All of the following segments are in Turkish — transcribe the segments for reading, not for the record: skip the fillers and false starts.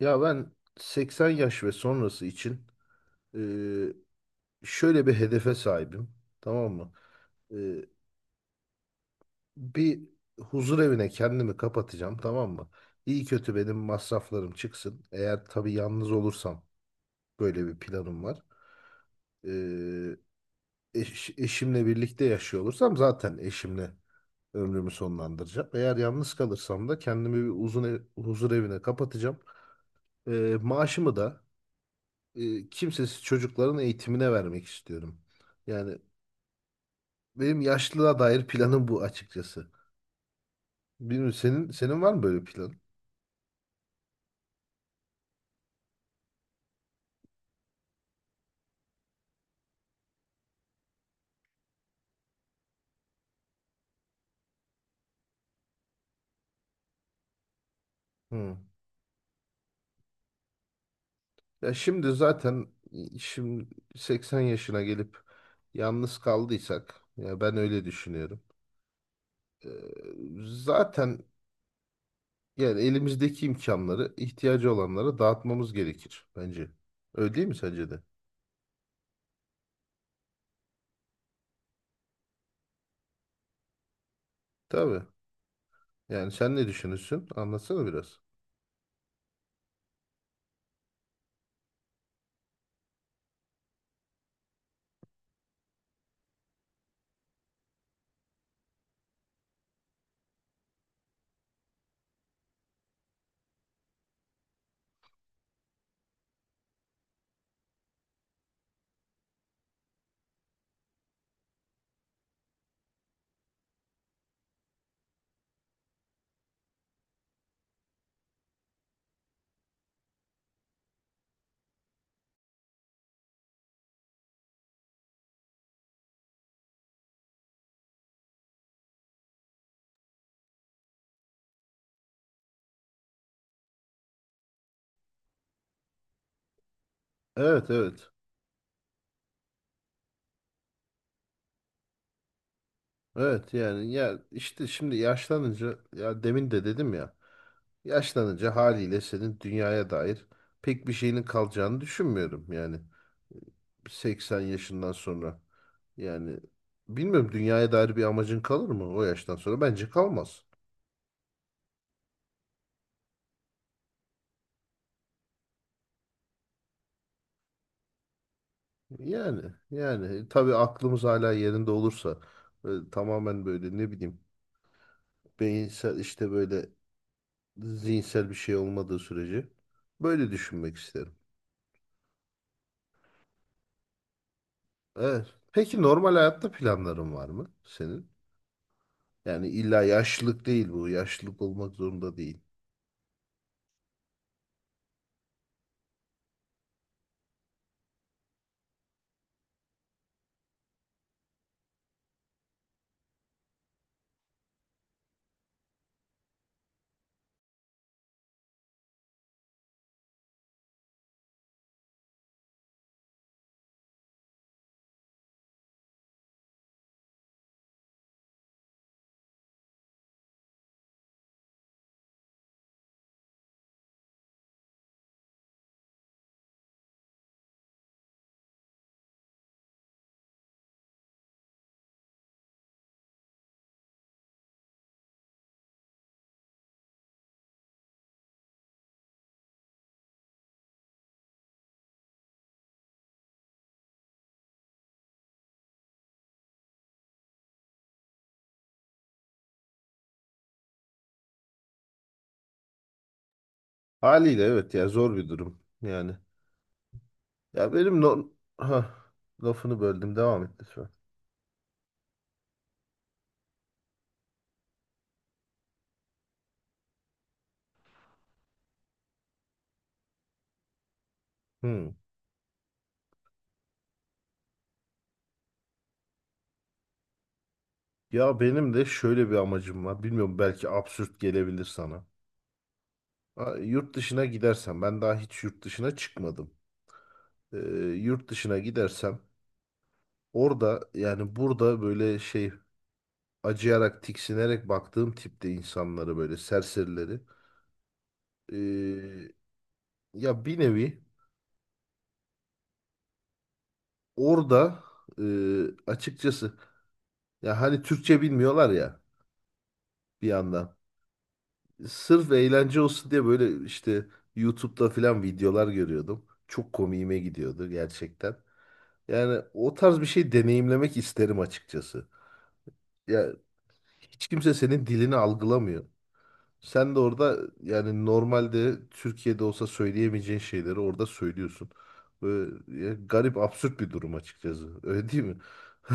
Ya ben 80 yaş ve sonrası için e, şöyle bir hedefe sahibim. Tamam mı? E, bir huzur evine kendimi kapatacağım. Tamam mı? İyi kötü benim masraflarım çıksın. Eğer tabii yalnız olursam böyle bir planım var. E, eşimle birlikte yaşıyor olursam zaten eşimle ömrümü sonlandıracağım. Eğer yalnız kalırsam da kendimi bir huzur evine kapatacağım. E, maaşımı da kimsesiz çocukların eğitimine vermek istiyorum. Yani benim yaşlılığa dair planım bu açıkçası. Bilmiyorum, senin var mı böyle plan? Hı. Ya şimdi zaten şimdi 80 yaşına gelip yalnız kaldıysak, ya ben öyle düşünüyorum. Ee, zaten yani elimizdeki imkanları ihtiyacı olanlara dağıtmamız gerekir bence. Öyle değil mi sence de? Tabii. Yani sen ne düşünürsün? Anlatsana biraz. Evet, evet. Evet yani, ya işte şimdi yaşlanınca, ya demin de dedim ya, yaşlanınca haliyle senin dünyaya dair pek bir şeyinin kalacağını düşünmüyorum. Yani 80 yaşından sonra, yani bilmiyorum, dünyaya dair bir amacın kalır mı o yaştan sonra? Bence kalmaz. Yani tabii aklımız hala yerinde olursa, tamamen böyle, ne bileyim, beyinsel, işte böyle zihinsel bir şey olmadığı sürece böyle düşünmek isterim. Evet. Peki normal hayatta planların var mı senin? Yani illa yaşlılık değil bu. Yaşlılık olmak zorunda değil. Haliyle evet, ya zor bir durum. Yani ya benim no, ha, lafını böldüm, devam et lütfen. Hmm. Ya benim de şöyle bir amacım var. Bilmiyorum, belki absürt gelebilir sana. Ha, yurt dışına gidersem, ben daha hiç yurt dışına çıkmadım. Ee, yurt dışına gidersem orada, yani burada böyle şey, acıyarak tiksinerek baktığım tipte insanları, böyle serserileri, e, ya bir nevi orada, e, açıkçası, ya hani Türkçe bilmiyorlar ya bir yandan. Sırf eğlence olsun diye böyle işte YouTube'da falan videolar görüyordum. Çok komiğime gidiyordu gerçekten. Yani o tarz bir şey deneyimlemek isterim açıkçası. Ya hiç kimse senin dilini algılamıyor. Sen de orada, yani normalde Türkiye'de olsa söyleyemeyeceğin şeyleri orada söylüyorsun. Böyle ya, garip absürt bir durum açıkçası. Öyle değil mi?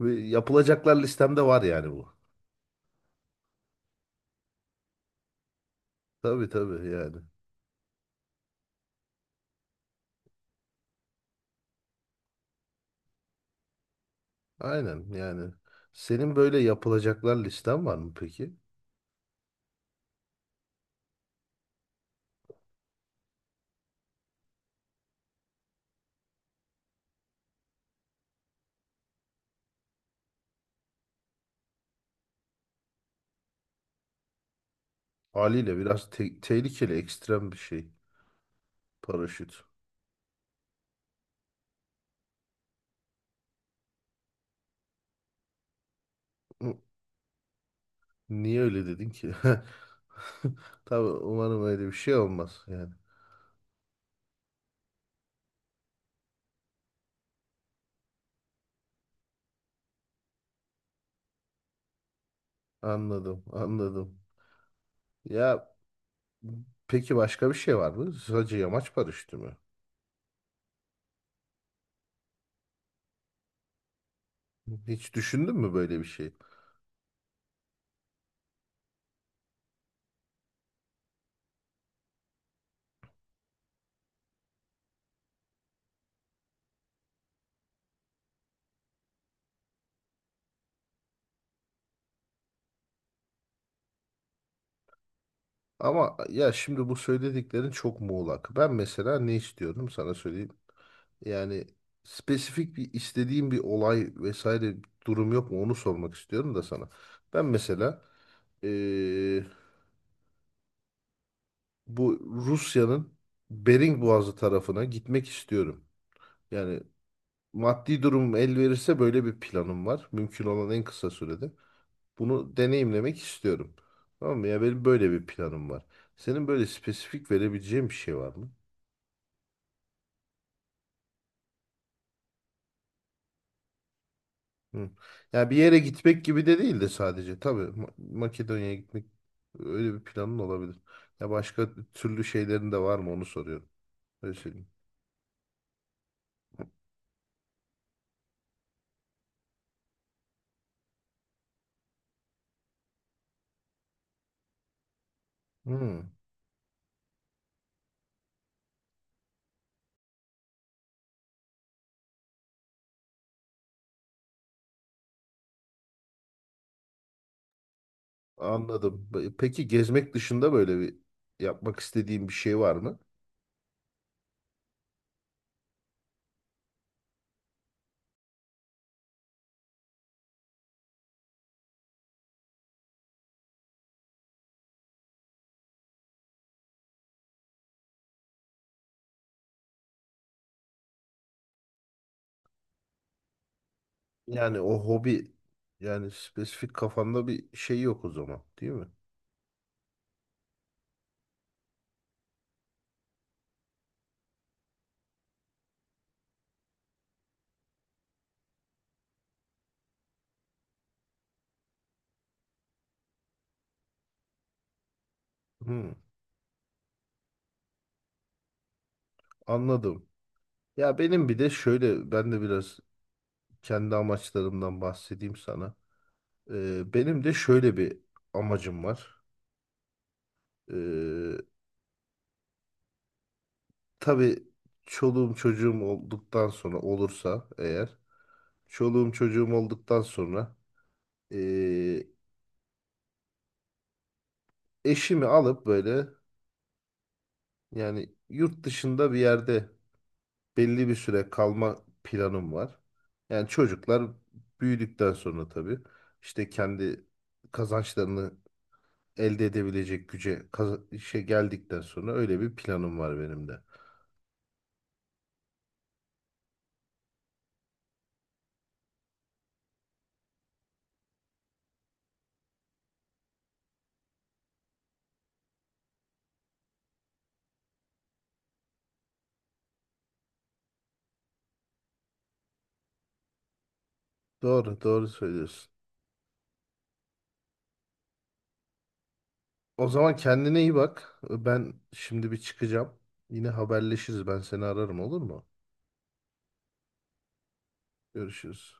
Ve yapılacaklar listemde var yani bu. Tabii, tabii yani. Aynen yani. Senin böyle yapılacaklar listen var mı peki? Haliyle biraz tehlikeli, ekstrem bir şey. Paraşüt. Hı, niye öyle dedin ki? Tabii umarım öyle bir şey olmaz yani. Anladım, anladım. Ya peki başka bir şey var mı? Sadece yamaç paraşütü mü? Hiç düşündün mü böyle bir şey? Ama ya şimdi bu söylediklerin çok muğlak. Ben mesela ne istiyorum sana söyleyeyim. Yani spesifik bir istediğim bir olay vesaire durum yok mu, onu sormak istiyorum da sana. Ben mesela eee, bu Rusya'nın Bering Boğazı tarafına gitmek istiyorum. Yani maddi durum el verirse böyle bir planım var. Mümkün olan en kısa sürede. Bunu deneyimlemek istiyorum. Tamam mı? Ya benim böyle bir planım var. Senin böyle spesifik verebileceğin bir şey var mı? Hı. Yani bir yere gitmek gibi de değil de sadece. Tabii Makedonya'ya gitmek, öyle bir planın olabilir. Ya başka türlü şeylerin de var mı, onu soruyorum. Öyle söyleyeyim. Hı, anladım. Peki gezmek dışında böyle bir yapmak istediğin bir şey var mı? Yani o hobi, yani spesifik kafanda bir şey yok o zaman, değil mi? Hı, anladım. Ya benim bir de şöyle, ben de biraz kendi amaçlarımdan bahsedeyim sana. Benim de şöyle bir amacım var. Ee, tabii çoluğum çocuğum olduktan sonra olursa eğer çoluğum çocuğum olduktan sonra ee, eşimi alıp böyle, yani yurt dışında bir yerde belli bir süre kalma planım var. Yani çocuklar büyüdükten sonra tabii işte kendi kazançlarını elde edebilecek güce işe geldikten sonra öyle bir planım var benim de. Doğru, doğru söylüyorsun. O zaman kendine iyi bak. Ben şimdi bir çıkacağım. Yine haberleşiriz. Ben seni ararım, olur mu? Görüşürüz.